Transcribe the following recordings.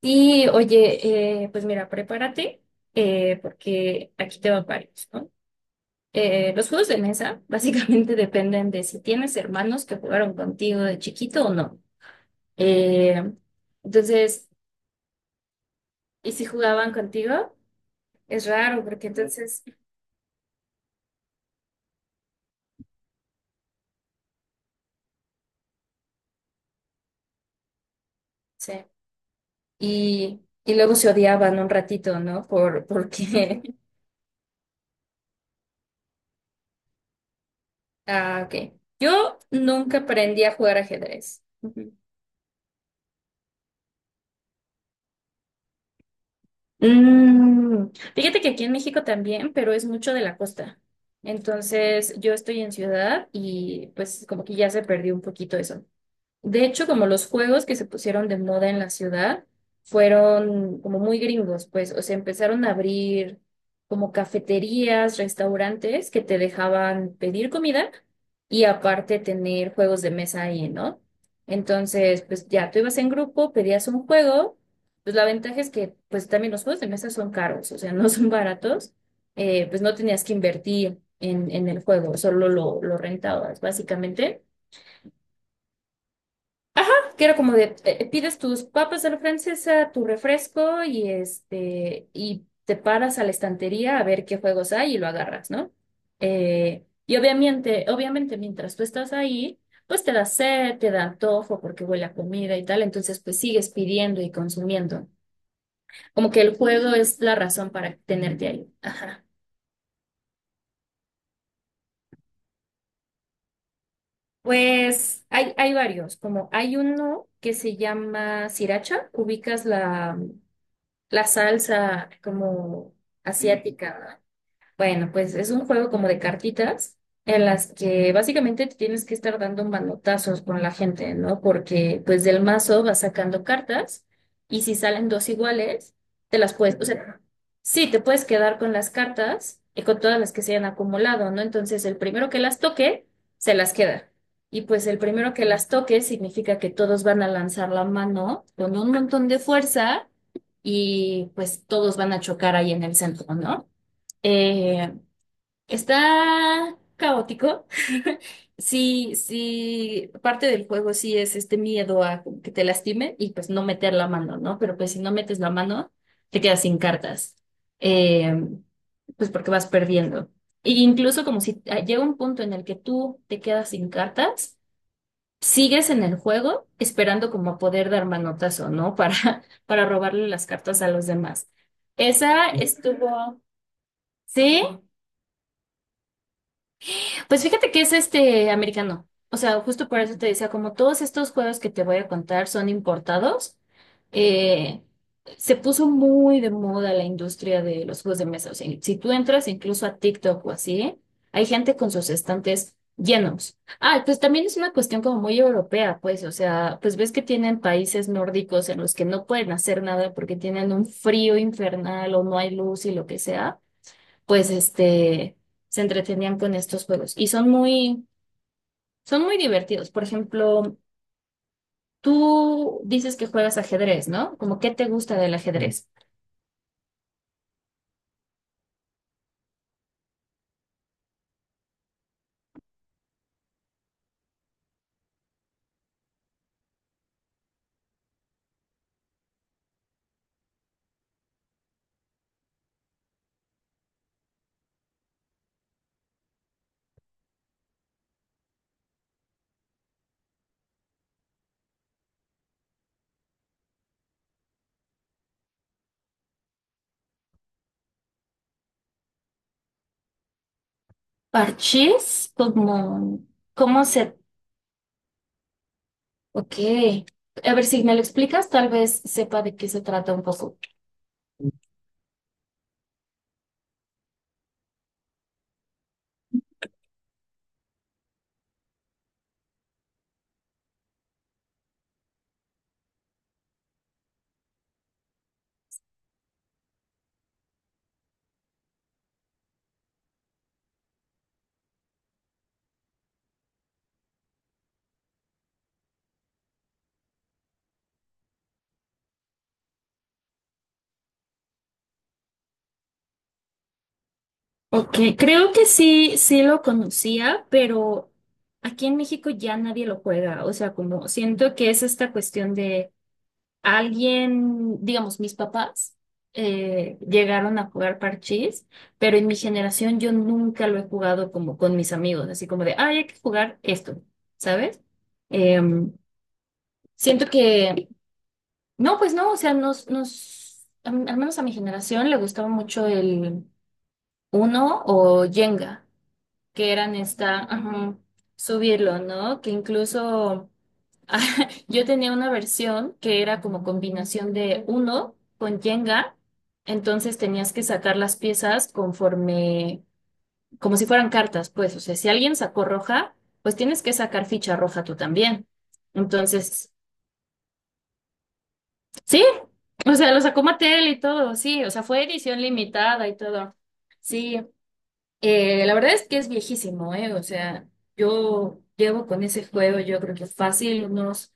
Y oye, pues mira, prepárate porque aquí te van varios, ¿no? Los juegos de mesa básicamente dependen de si tienes hermanos que jugaron contigo de chiquito o no. Eh, entonces, y si jugaban contigo, es raro porque entonces, sí. Y luego se odiaban un ratito, ¿no? Porque, ah, ok. Yo nunca aprendí a jugar ajedrez. Mm, Fíjate que aquí en México también, pero es mucho de la costa. Entonces, yo estoy en ciudad y pues como que ya se perdió un poquito eso. De hecho, como los juegos que se pusieron de moda en la ciudad fueron como muy gringos, pues, o sea, empezaron a abrir como cafeterías, restaurantes que te dejaban pedir comida y aparte tener juegos de mesa ahí, ¿no? Entonces, pues ya tú ibas en grupo, pedías un juego, pues la ventaja es que pues también los juegos de mesa son caros, o sea, no son baratos, pues no tenías que invertir en el juego, solo lo rentabas, básicamente. Ajá, que era como de, pides tus papas a la francesa, tu refresco y este, y te paras a la estantería a ver qué juegos hay y lo agarras, ¿no? Y obviamente mientras tú estás ahí, pues te da sed, te da antojo porque huele a comida y tal, entonces pues sigues pidiendo y consumiendo. Como que el juego es la razón para tenerte ahí. Pues hay varios, como hay uno que se llama Sriracha, ubicas la, la salsa como asiática. Bueno, pues es un juego como de cartitas en las que básicamente te tienes que estar dando manotazos con la gente, ¿no? Porque pues del mazo vas sacando cartas y si salen dos iguales, o sea, sí, te puedes quedar con las cartas y con todas las que se hayan acumulado, ¿no? Entonces el primero que las toque, se las queda. Y pues el primero que las toque significa que todos van a lanzar la mano con un montón de fuerza y pues todos van a chocar ahí en el centro, ¿no? Eh, Está caótico. Sí, sí, parte del juego sí es este miedo a que te lastime y pues no meter la mano, ¿no? Pero pues si no metes la mano, te quedas sin cartas. Eh, pues porque vas perdiendo. E incluso como si llega un punto en el que tú te quedas sin cartas, sigues en el juego esperando como a poder dar manotazo, ¿no? Para, para robarle las cartas a los demás. Esa estuvo, ¿sí? Pues fíjate que es este americano. O sea, justo por eso te decía, como todos estos juegos que te voy a contar son importados, eh, se puso muy de moda la industria de los juegos de mesa. O sea, si tú entras incluso a TikTok o así, hay gente con sus estantes llenos. Ah, pues también es una cuestión como muy europea, pues, o sea, pues ves que tienen países nórdicos en los que no pueden hacer nada porque tienen un frío infernal o no hay luz y lo que sea pues se entretenían con estos juegos. Y son muy divertidos. Por ejemplo, tú dices que juegas ajedrez, ¿no? Como, ¿qué te gusta del ajedrez? Parchís, ¿cómo se...? Ok. A ver, si me lo explicas, tal vez sepa de qué se trata un poco. Ok, creo que sí, sí lo conocía, pero aquí en México ya nadie lo juega. O sea, como siento que es esta cuestión de alguien, digamos, mis papás llegaron a jugar parchís, pero en mi generación yo nunca lo he jugado como con mis amigos, así como de, ay, hay que jugar esto, ¿sabes? Em, Siento que, no, pues no, o sea, al menos a mi generación le gustaba mucho el Uno o Jenga que eran ajá, subirlo, ¿no? Que incluso yo tenía una versión que era como combinación de uno con Jenga, entonces tenías que sacar las piezas conforme, como si fueran cartas, pues, o sea, si alguien sacó roja, pues tienes que sacar ficha roja tú también. Entonces, sí, o sea, lo sacó Mattel y todo, sí, o sea, fue edición limitada y todo. Sí. La verdad es que es viejísimo, ¿eh? O sea, yo llevo con ese juego, yo creo que fácil, unos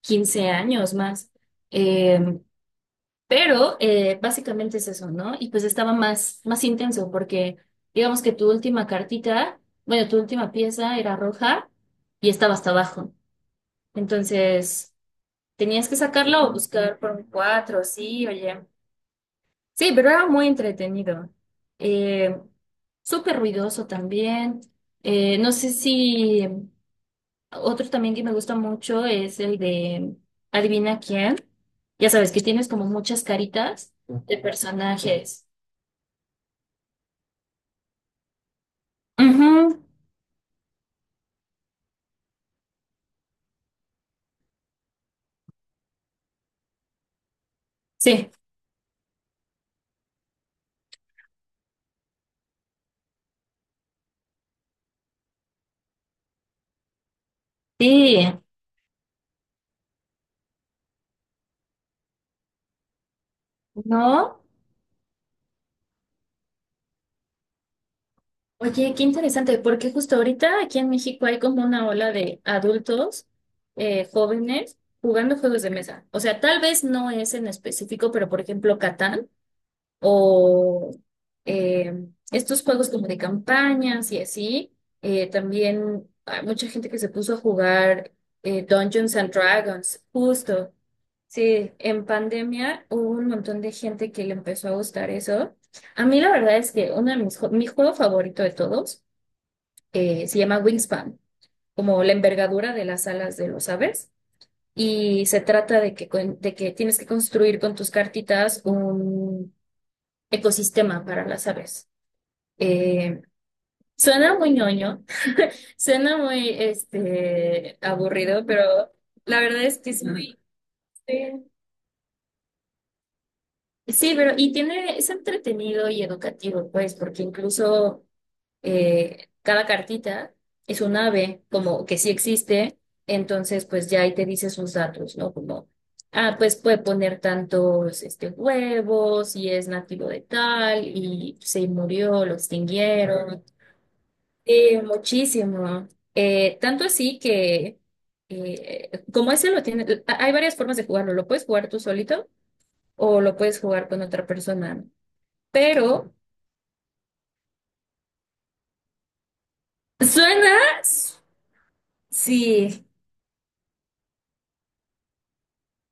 15 años más. Eh, pero básicamente es eso, ¿no? Y pues estaba más, más intenso porque digamos que tu última cartita, bueno, tu última pieza era roja y estaba hasta abajo. Entonces, tenías que sacarla o buscar por un 4 sí, oye. Sí, pero era muy entretenido. Eh, Súper ruidoso también. No sé si otro también que me gusta mucho es el de Adivina quién. Ya sabes que tienes como muchas caritas de personajes. Ujú. Sí, sí, ¿no? Oye, qué interesante, porque justo ahorita aquí en México hay como una ola de adultos jóvenes jugando juegos de mesa. O sea, tal vez no es en específico, pero por ejemplo, Catán, o estos juegos como de campañas y así. También hay mucha gente que se puso a jugar Dungeons and Dragons, justo. Sí, en pandemia hubo un montón de gente que le empezó a gustar eso. A mí la verdad es que uno de mis, jue- mi juego favorito de todos se llama Wingspan, como la envergadura de las alas de los aves. Y se trata de que, de que tienes que construir con tus cartitas ecosistema para las aves. Eh, Suena muy ñoño, suena muy aburrido, pero la verdad es que es muy... Sí, sí, pero es entretenido y educativo, pues, porque incluso cada cartita es un ave, como que sí existe, entonces pues ya ahí te dice sus datos, ¿no? Como, ah, pues puede poner tantos huevos y es nativo de tal y se murió, lo extinguieron. Sí, muchísimo. Tanto así que, como ese lo tiene, hay varias formas de jugarlo. Lo puedes jugar tú solito o lo puedes jugar con otra persona. Pero suena, sí.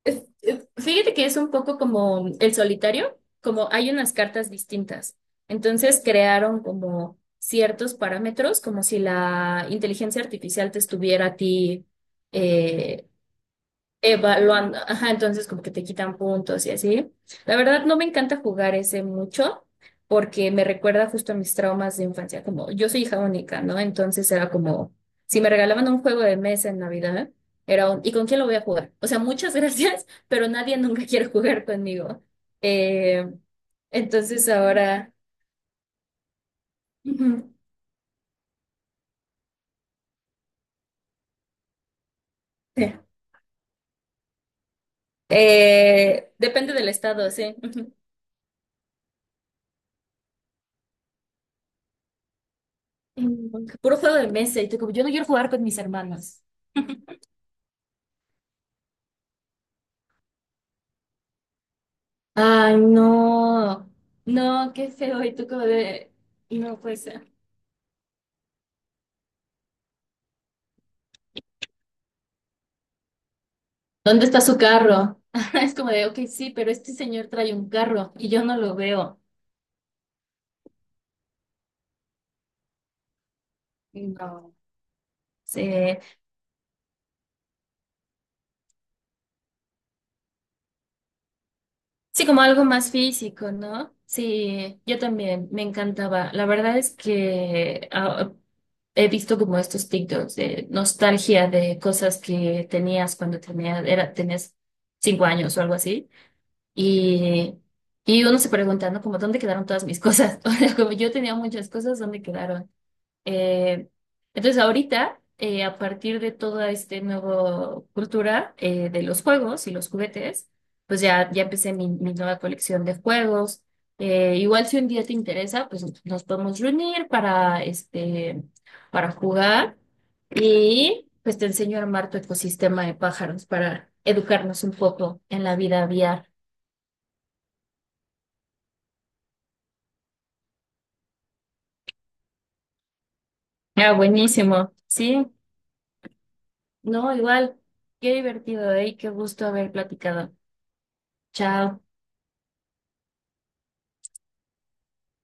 Fíjate que es un poco como el solitario, como hay unas cartas distintas. Entonces crearon como ciertos parámetros, como si la inteligencia artificial te estuviera a ti. eh, Evaluando, ajá, entonces como que te quitan puntos y así. La verdad no me encanta jugar ese mucho porque me recuerda justo a mis traumas de infancia, como yo soy hija única, ¿no? Entonces era como, si me regalaban un juego de mesa en Navidad, ¿y con quién lo voy a jugar? O sea, muchas gracias, pero nadie nunca quiere jugar conmigo. Eh, entonces ahora, ujú, sí. Depende del estado, sí. Ujú. Puro juego de mesa y tú como, yo no quiero jugar con mis hermanos. Ay, no, no, qué feo. Y tú como de, no puede ser. ¿Dónde está su carro? Es como de, ok, sí, pero este señor trae un carro y yo no lo veo. No. Sí, sí, como algo más físico, ¿no? Sí, yo también, me encantaba. La verdad es que he visto como estos TikToks de nostalgia de cosas que tenías cuando tenía, era, tenías 5 años o algo así. Y, y uno se pregunta, ¿no? Como, ¿dónde quedaron todas mis cosas? O sea, como yo tenía muchas cosas, ¿dónde quedaron? Eh, entonces, ahorita, a partir de toda esta nueva cultura de los juegos y los juguetes, pues ya empecé mi nueva colección de juegos. Igual si un día te interesa, pues nos podemos reunir para jugar y pues te enseño a armar tu ecosistema de pájaros para educarnos un poco en la vida aviar. Ah, buenísimo. Sí, no, igual. Qué divertido, ¿eh? Y qué gusto haber platicado. Chao.